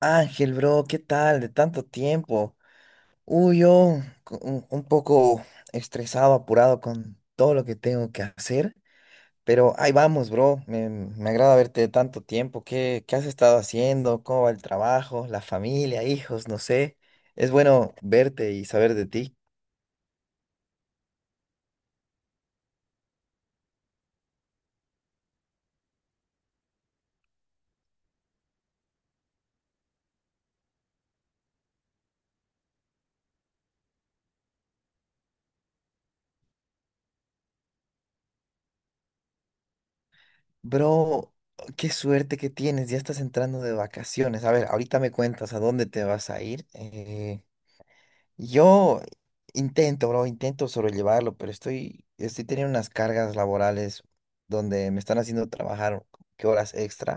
Ángel, bro, ¿qué tal? De tanto tiempo. Uy, un poco estresado, apurado con todo lo que tengo que hacer, pero ahí vamos, bro. Me agrada verte de tanto tiempo. ¿Qué has estado haciendo? ¿Cómo va el trabajo? ¿La familia? ¿Hijos? No sé. Es bueno verte y saber de ti. Bro, qué suerte que tienes. Ya estás entrando de vacaciones. A ver, ahorita me cuentas a dónde te vas a ir. Yo intento, bro, intento sobrellevarlo, pero estoy teniendo unas cargas laborales donde me están haciendo trabajar que horas extra.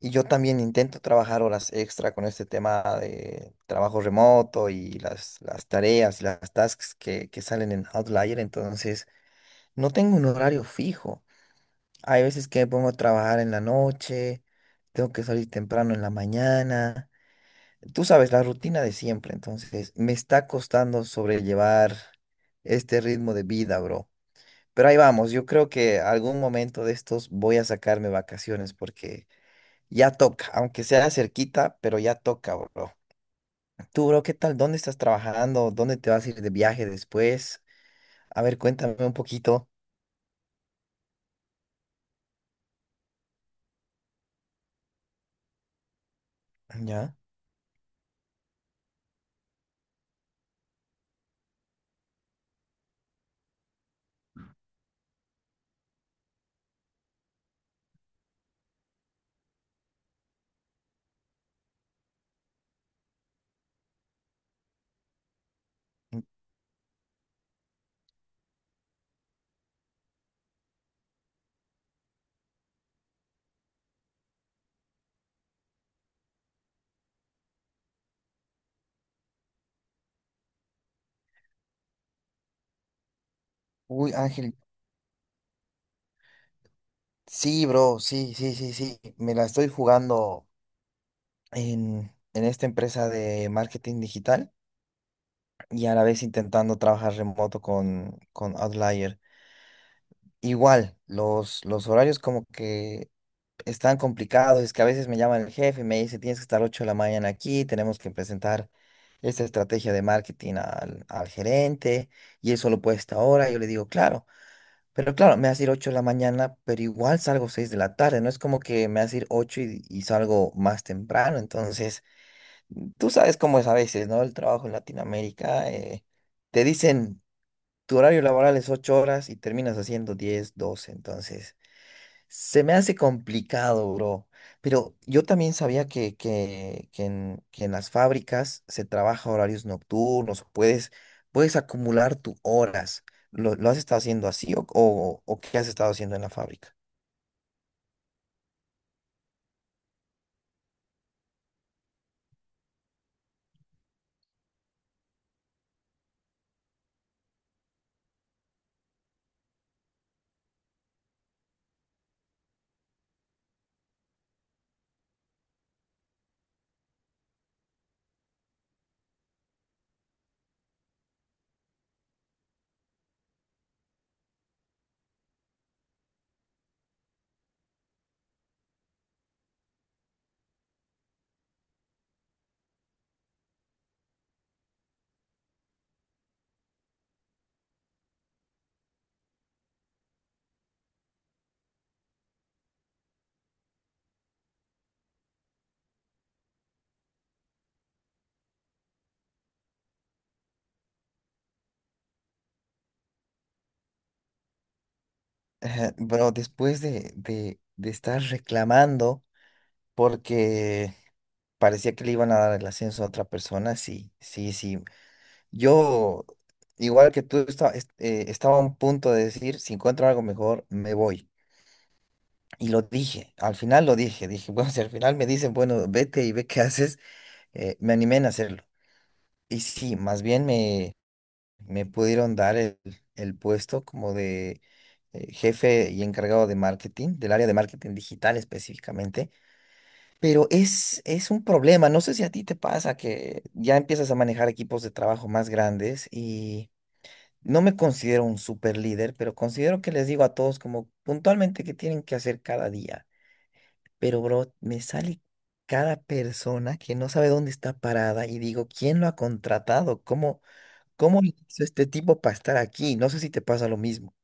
Y yo también intento trabajar horas extra con este tema de trabajo remoto y las tareas, las tasks que salen en Outlier. Entonces, no tengo un horario fijo. Hay veces que me pongo a trabajar en la noche, tengo que salir temprano en la mañana. Tú sabes, la rutina de siempre, entonces me está costando sobrellevar este ritmo de vida, bro. Pero ahí vamos, yo creo que algún momento de estos voy a sacarme vacaciones porque ya toca, aunque sea cerquita, pero ya toca, bro. Tú, bro, ¿qué tal? ¿Dónde estás trabajando? ¿Dónde te vas a ir de viaje después? A ver, cuéntame un poquito. ¿Ya? Uy, Ángel, sí, bro, sí, sí, sí, sí. Me la estoy jugando en esta empresa de marketing digital, y a la vez intentando trabajar remoto con Outlier. Igual, los horarios como que están complicados, es que a veces me llama el jefe y me dice, tienes que estar 8 de la mañana aquí, tenemos que presentar esta estrategia de marketing al gerente y eso lo puede esta hora. Yo le digo, claro, pero claro, me hace ir 8 de la mañana, pero igual salgo 6 de la tarde, no es como que me hace ir 8 y salgo más temprano. Entonces, tú sabes cómo es a veces, ¿no? El trabajo en Latinoamérica. Te dicen tu horario laboral es 8 horas y terminas haciendo 10, 12. Entonces se me hace complicado, bro. Pero yo también sabía que en las fábricas se trabaja horarios nocturnos, puedes, puedes acumular tus horas. ¿Lo has estado haciendo así o qué has estado haciendo en la fábrica? Ajá, bro, después de estar reclamando porque parecía que le iban a dar el ascenso a otra persona, sí, sí, sí. Yo, igual que tú, estaba a un punto de decir, si encuentro algo mejor, me voy. Y lo dije, al final lo dije, dije, bueno, si al final me dicen, bueno, vete y ve qué haces, me animé en hacerlo. Y sí, más bien me pudieron dar el puesto como de jefe y encargado de marketing, del área de marketing digital específicamente. Pero es un problema, no sé si a ti te pasa que ya empiezas a manejar equipos de trabajo más grandes. No me considero un super líder, pero considero que les digo a todos como puntualmente qué tienen que hacer cada día. Pero, bro, me sale cada persona que no sabe dónde está parada y digo, ¿quién lo ha contratado? ¿Cómo le hizo este tipo para estar aquí? No sé si te pasa lo mismo.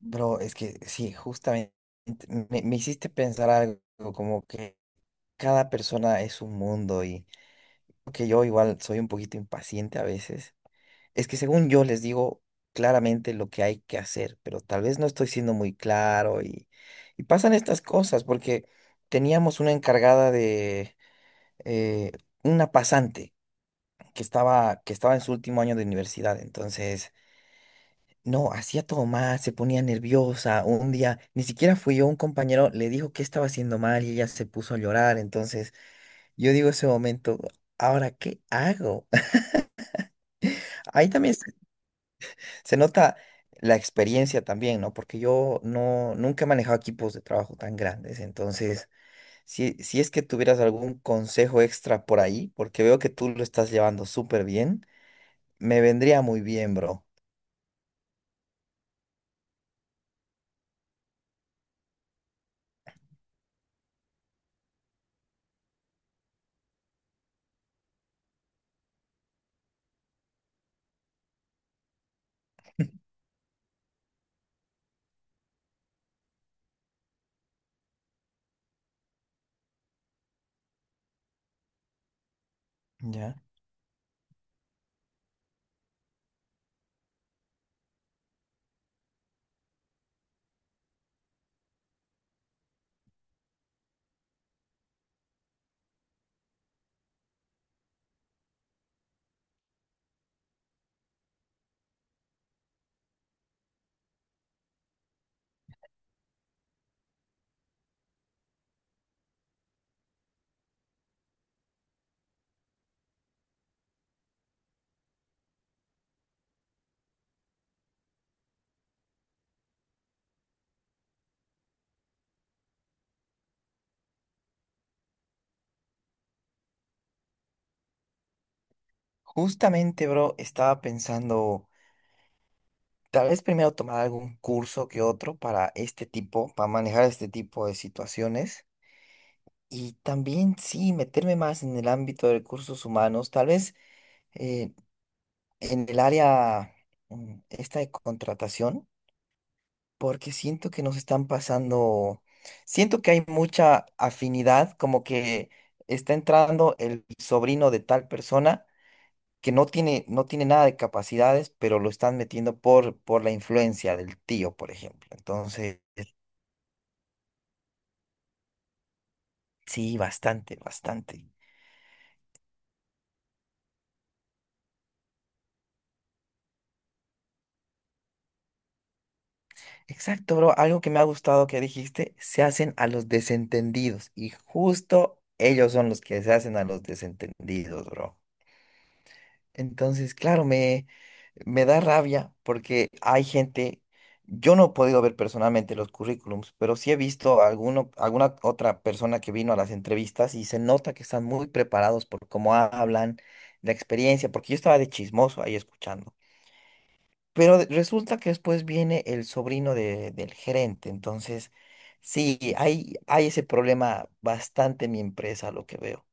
Bro, es que sí, justamente me hiciste pensar algo como que cada persona es un mundo y que yo igual soy un poquito impaciente a veces. Es que según yo les digo claramente lo que hay que hacer, pero tal vez no estoy siendo muy claro y pasan estas cosas porque teníamos una encargada de eh, una pasante que estaba en su último año de universidad, entonces no, hacía todo mal, se ponía nerviosa, un día ni siquiera fui yo, un compañero le dijo que estaba haciendo mal y ella se puso a llorar, entonces yo digo ese momento, ¿ahora qué hago? Ahí también se nota la experiencia también, ¿no? Porque yo no, nunca he manejado equipos de trabajo tan grandes. Entonces, si es que tuvieras algún consejo extra por ahí, porque veo que tú lo estás llevando súper bien, me vendría muy bien, bro. Ya. Justamente, bro, estaba pensando, tal vez primero tomar algún curso que otro para este tipo, para manejar este tipo de situaciones. Y también, sí, meterme más en el ámbito de recursos humanos, tal vez. eh, en el área esta de contratación, porque siento que nos están pasando, siento que hay mucha afinidad, como que está entrando el sobrino de tal persona que no tiene nada de capacidades, pero lo están metiendo por la influencia del tío, por ejemplo. Entonces, sí, bastante, bastante. Exacto, bro. Algo que me ha gustado que dijiste, se hacen a los desentendidos y justo ellos son los que se hacen a los desentendidos, bro. Entonces, claro, me da rabia porque hay gente, yo no he podido ver personalmente los currículums, pero sí he visto alguna otra persona que vino a las entrevistas y se nota que están muy preparados por cómo hablan, la experiencia, porque yo estaba de chismoso ahí escuchando. Pero resulta que después viene el sobrino del gerente, entonces sí, hay ese problema bastante en mi empresa, lo que veo.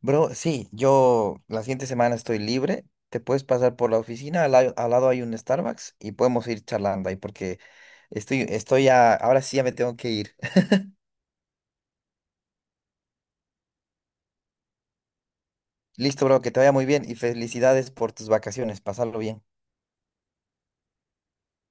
Bro, sí, yo la siguiente semana estoy libre. Te puedes pasar por la oficina, al lado hay un Starbucks y podemos ir charlando ahí porque estoy ya, ahora sí ya me tengo que ir. Listo, bro, que te vaya muy bien y felicidades por tus vacaciones. Pasarlo bien.